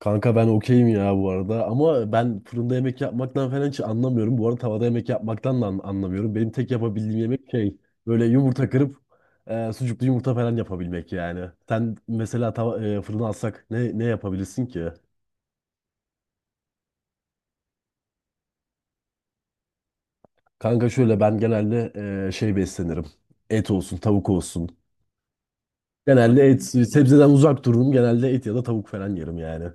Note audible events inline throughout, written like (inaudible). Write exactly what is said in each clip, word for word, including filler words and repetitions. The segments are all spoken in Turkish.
Kanka ben okeyim ya bu arada ama ben fırında yemek yapmaktan falan hiç anlamıyorum. Bu arada tavada yemek yapmaktan da an- anlamıyorum. Benim tek yapabildiğim yemek şey böyle yumurta kırıp e, sucuklu yumurta falan yapabilmek yani. Sen mesela tava, e, fırına alsak ne, ne yapabilirsin ki? Kanka şöyle ben genelde e, şey beslenirim. Et olsun tavuk olsun. Genelde et sebzeden uzak dururum. Genelde et ya da tavuk falan yerim yani.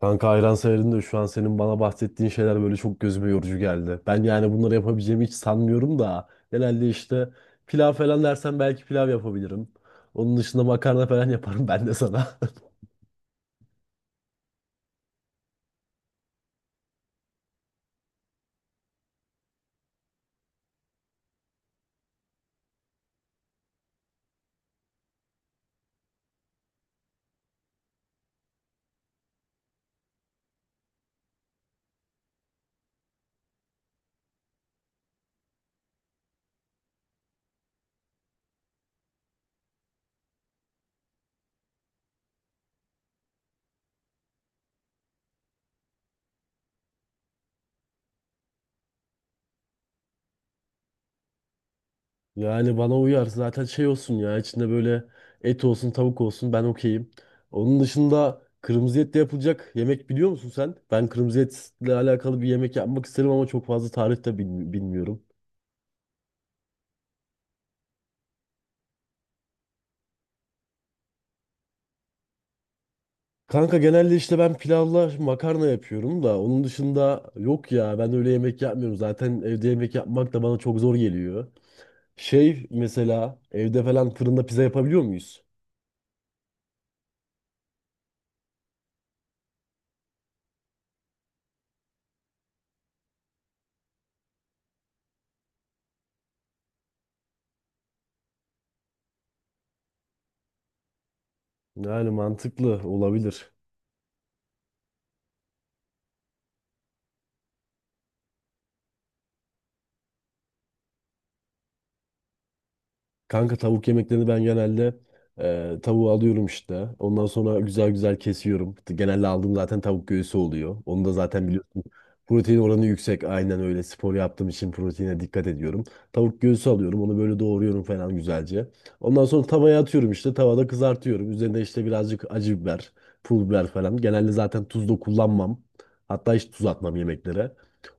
Kanka hayran sayarım da şu an senin bana bahsettiğin şeyler böyle çok gözüme yorucu geldi. Ben yani bunları yapabileceğimi hiç sanmıyorum da. Genelde işte pilav falan dersen belki pilav yapabilirim. Onun dışında makarna falan (laughs) yaparım ben de sana. (laughs) Yani bana uyar. Zaten şey olsun ya içinde böyle et olsun tavuk olsun ben okeyim. Onun dışında kırmızı etle yapılacak yemek biliyor musun sen? Ben kırmızı etle alakalı bir yemek yapmak isterim ama çok fazla tarif de bil- bilmiyorum. Kanka genelde işte ben pilavla makarna yapıyorum da onun dışında yok ya ben öyle yemek yapmıyorum. Zaten evde yemek yapmak da bana çok zor geliyor. Şey mesela evde falan fırında pizza yapabiliyor muyuz? Yani mantıklı olabilir. Kanka tavuk yemeklerini ben genelde e, tavuğu alıyorum işte. Ondan sonra güzel güzel kesiyorum. Genelde aldığım zaten tavuk göğsü oluyor. Onu da zaten biliyorsun protein oranı yüksek. Aynen öyle spor yaptığım için proteine dikkat ediyorum. Tavuk göğsü alıyorum. Onu böyle doğruyorum falan güzelce. Ondan sonra tavaya atıyorum işte. Tavada kızartıyorum. Üzerine işte birazcık acı biber, pul biber falan. Genelde zaten tuz da kullanmam. Hatta hiç tuz atmam yemeklere.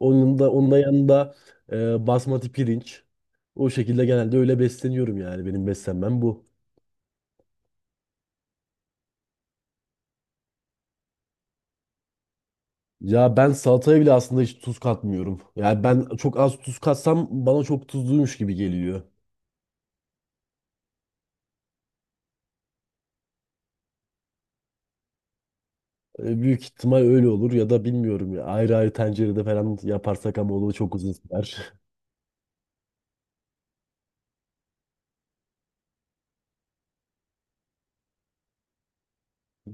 Onun da, onun da yanında e, basmati pirinç. O şekilde genelde öyle besleniyorum yani. Benim beslenmem bu. Ya ben salataya bile aslında hiç tuz katmıyorum. Yani ben çok az tuz katsam bana çok tuzluymuş gibi geliyor. E, Büyük ihtimal öyle olur ya da bilmiyorum ya. Ayrı ayrı tencerede falan yaparsak ama o da çok uzun sürer. (laughs)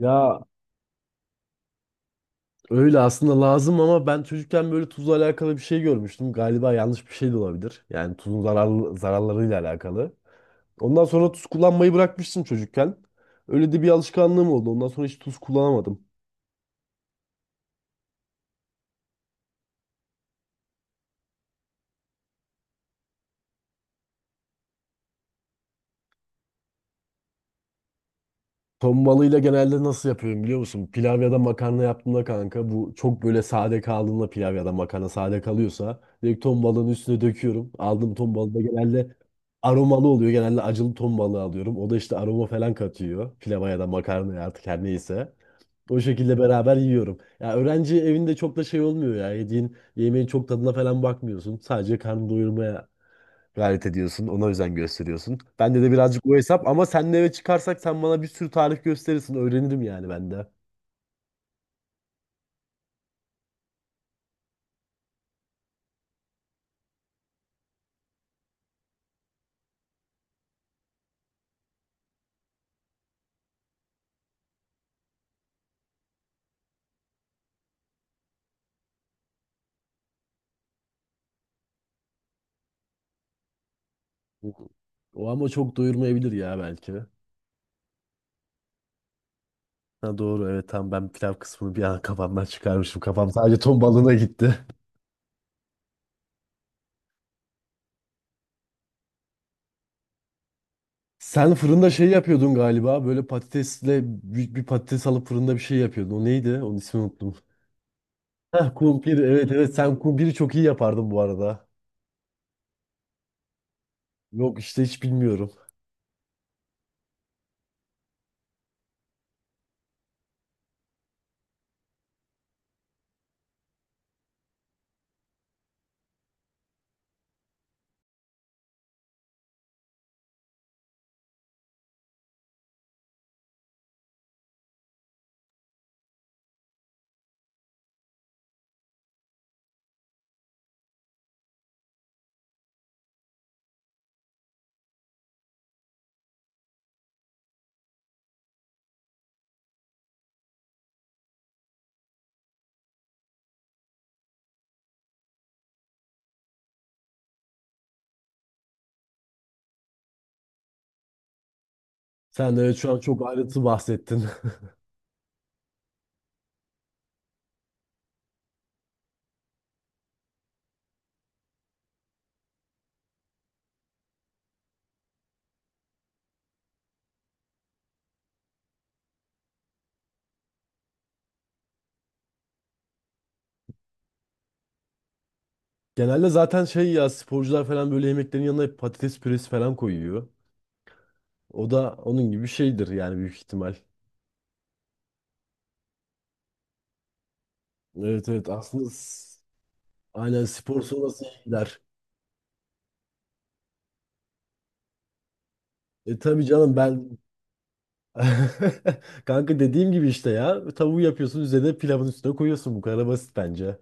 Ya öyle aslında lazım ama ben çocukken böyle tuzla alakalı bir şey görmüştüm. Galiba yanlış bir şey de olabilir. Yani tuzun zararlı, zararlarıyla alakalı. Ondan sonra tuz kullanmayı bırakmıştım çocukken. Öyle de bir alışkanlığım oldu. Ondan sonra hiç tuz kullanamadım. Ton balığıyla genelde nasıl yapıyorum biliyor musun? Pilav ya da makarna yaptığımda kanka bu çok böyle sade kaldığında pilav ya da makarna sade kalıyorsa direkt ton balığının üstüne döküyorum. Aldığım ton balığı da genelde aromalı oluyor. Genelde acılı ton balığı alıyorum. O da işte aroma falan katıyor. Pilava ya da makarnaya artık her neyse. O şekilde beraber yiyorum. Ya öğrenci evinde çok da şey olmuyor ya. Yediğin yemeğin çok tadına falan bakmıyorsun. Sadece karnını doyurmaya gayret ediyorsun. Ona özen gösteriyorsun. Bende de birazcık o hesap ama senle eve çıkarsak sen bana bir sürü tarif gösterirsin. Öğrenirim yani ben de. O O ama çok doyurmayabilir ya belki. Ha doğru, evet, tamam, ben pilav kısmını bir an kafamdan çıkarmışım. Kafam sadece ton balığına gitti. (laughs) Sen fırında şey yapıyordun galiba. Böyle patatesle büyük bir patates alıp fırında bir şey yapıyordun. O neydi? Onun ismini unuttum. Heh, kumpir, evet, evet, sen kumpiri çok iyi yapardın bu arada. Yok işte hiç bilmiyorum. Sen de evet şu an çok ayrıntı bahsettin. (laughs) Genelde zaten şey ya sporcular falan böyle yemeklerin yanına hep patates püresi falan koyuyor. O da onun gibi bir şeydir yani büyük ihtimal. Evet, evet, aslında s- aynen spor sonrası iyi gider. E tabii canım ben (laughs) kanka dediğim gibi işte ya tavuğu yapıyorsun üzerine pilavın üstüne koyuyorsun bu kadar basit bence.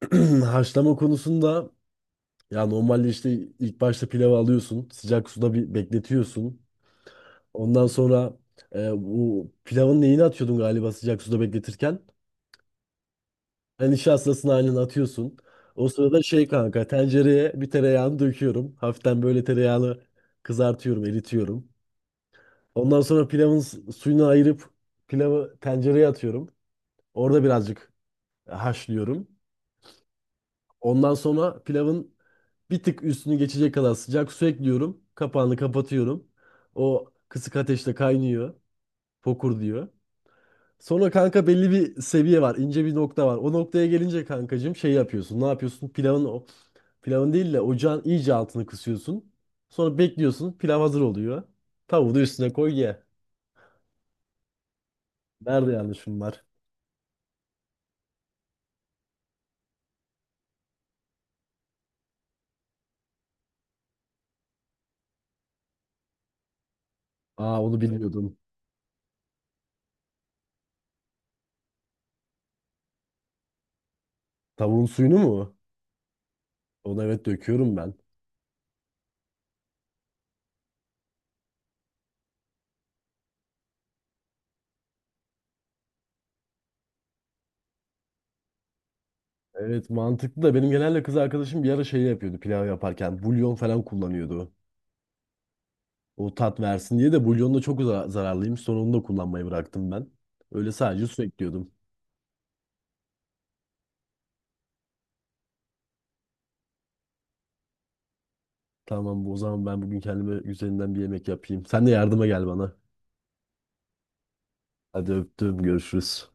(clears throat) Haşlama konusunda ya normalde işte ilk başta pilavı alıyorsun sıcak suda bir bekletiyorsun. Ondan sonra e, bu pilavın neyini atıyordun galiba sıcak suda bekletirken? Yani nişastasını halini atıyorsun. O sırada şey kanka tencereye bir tereyağını döküyorum. Hafiften böyle tereyağını kızartıyorum, eritiyorum. Ondan sonra pilavın s- suyunu ayırıp pilavı tencereye atıyorum. Orada birazcık haşlıyorum. Ondan sonra pilavın bir tık üstünü geçecek kadar sıcak su ekliyorum. Kapağını kapatıyorum. O kısık ateşte kaynıyor. Fokur diyor. Sonra kanka belli bir seviye var, ince bir nokta var. O noktaya gelince kankacığım şey yapıyorsun. Ne yapıyorsun? Pilavın o Pilavın değil de ocağın iyice altını kısıyorsun. Sonra bekliyorsun. Pilav hazır oluyor. Tavuğu da üstüne koy ye. Nerede yanlışım var? Aa, onu bilmiyordum. Tavuğun suyunu mu? Onu evet döküyorum ben. Evet mantıklı da benim genelde kız arkadaşım bir ara şey yapıyordu pilav yaparken. Bulyon falan kullanıyordu. O tat versin diye de bulyon da çok za- zararlıymış. Sonra onu da kullanmayı bıraktım ben. Öyle sadece su ekliyordum. Tamam bu o zaman ben bugün kendime üzerinden bir yemek yapayım. Sen de yardıma gel bana. Hadi öptüm, görüşürüz.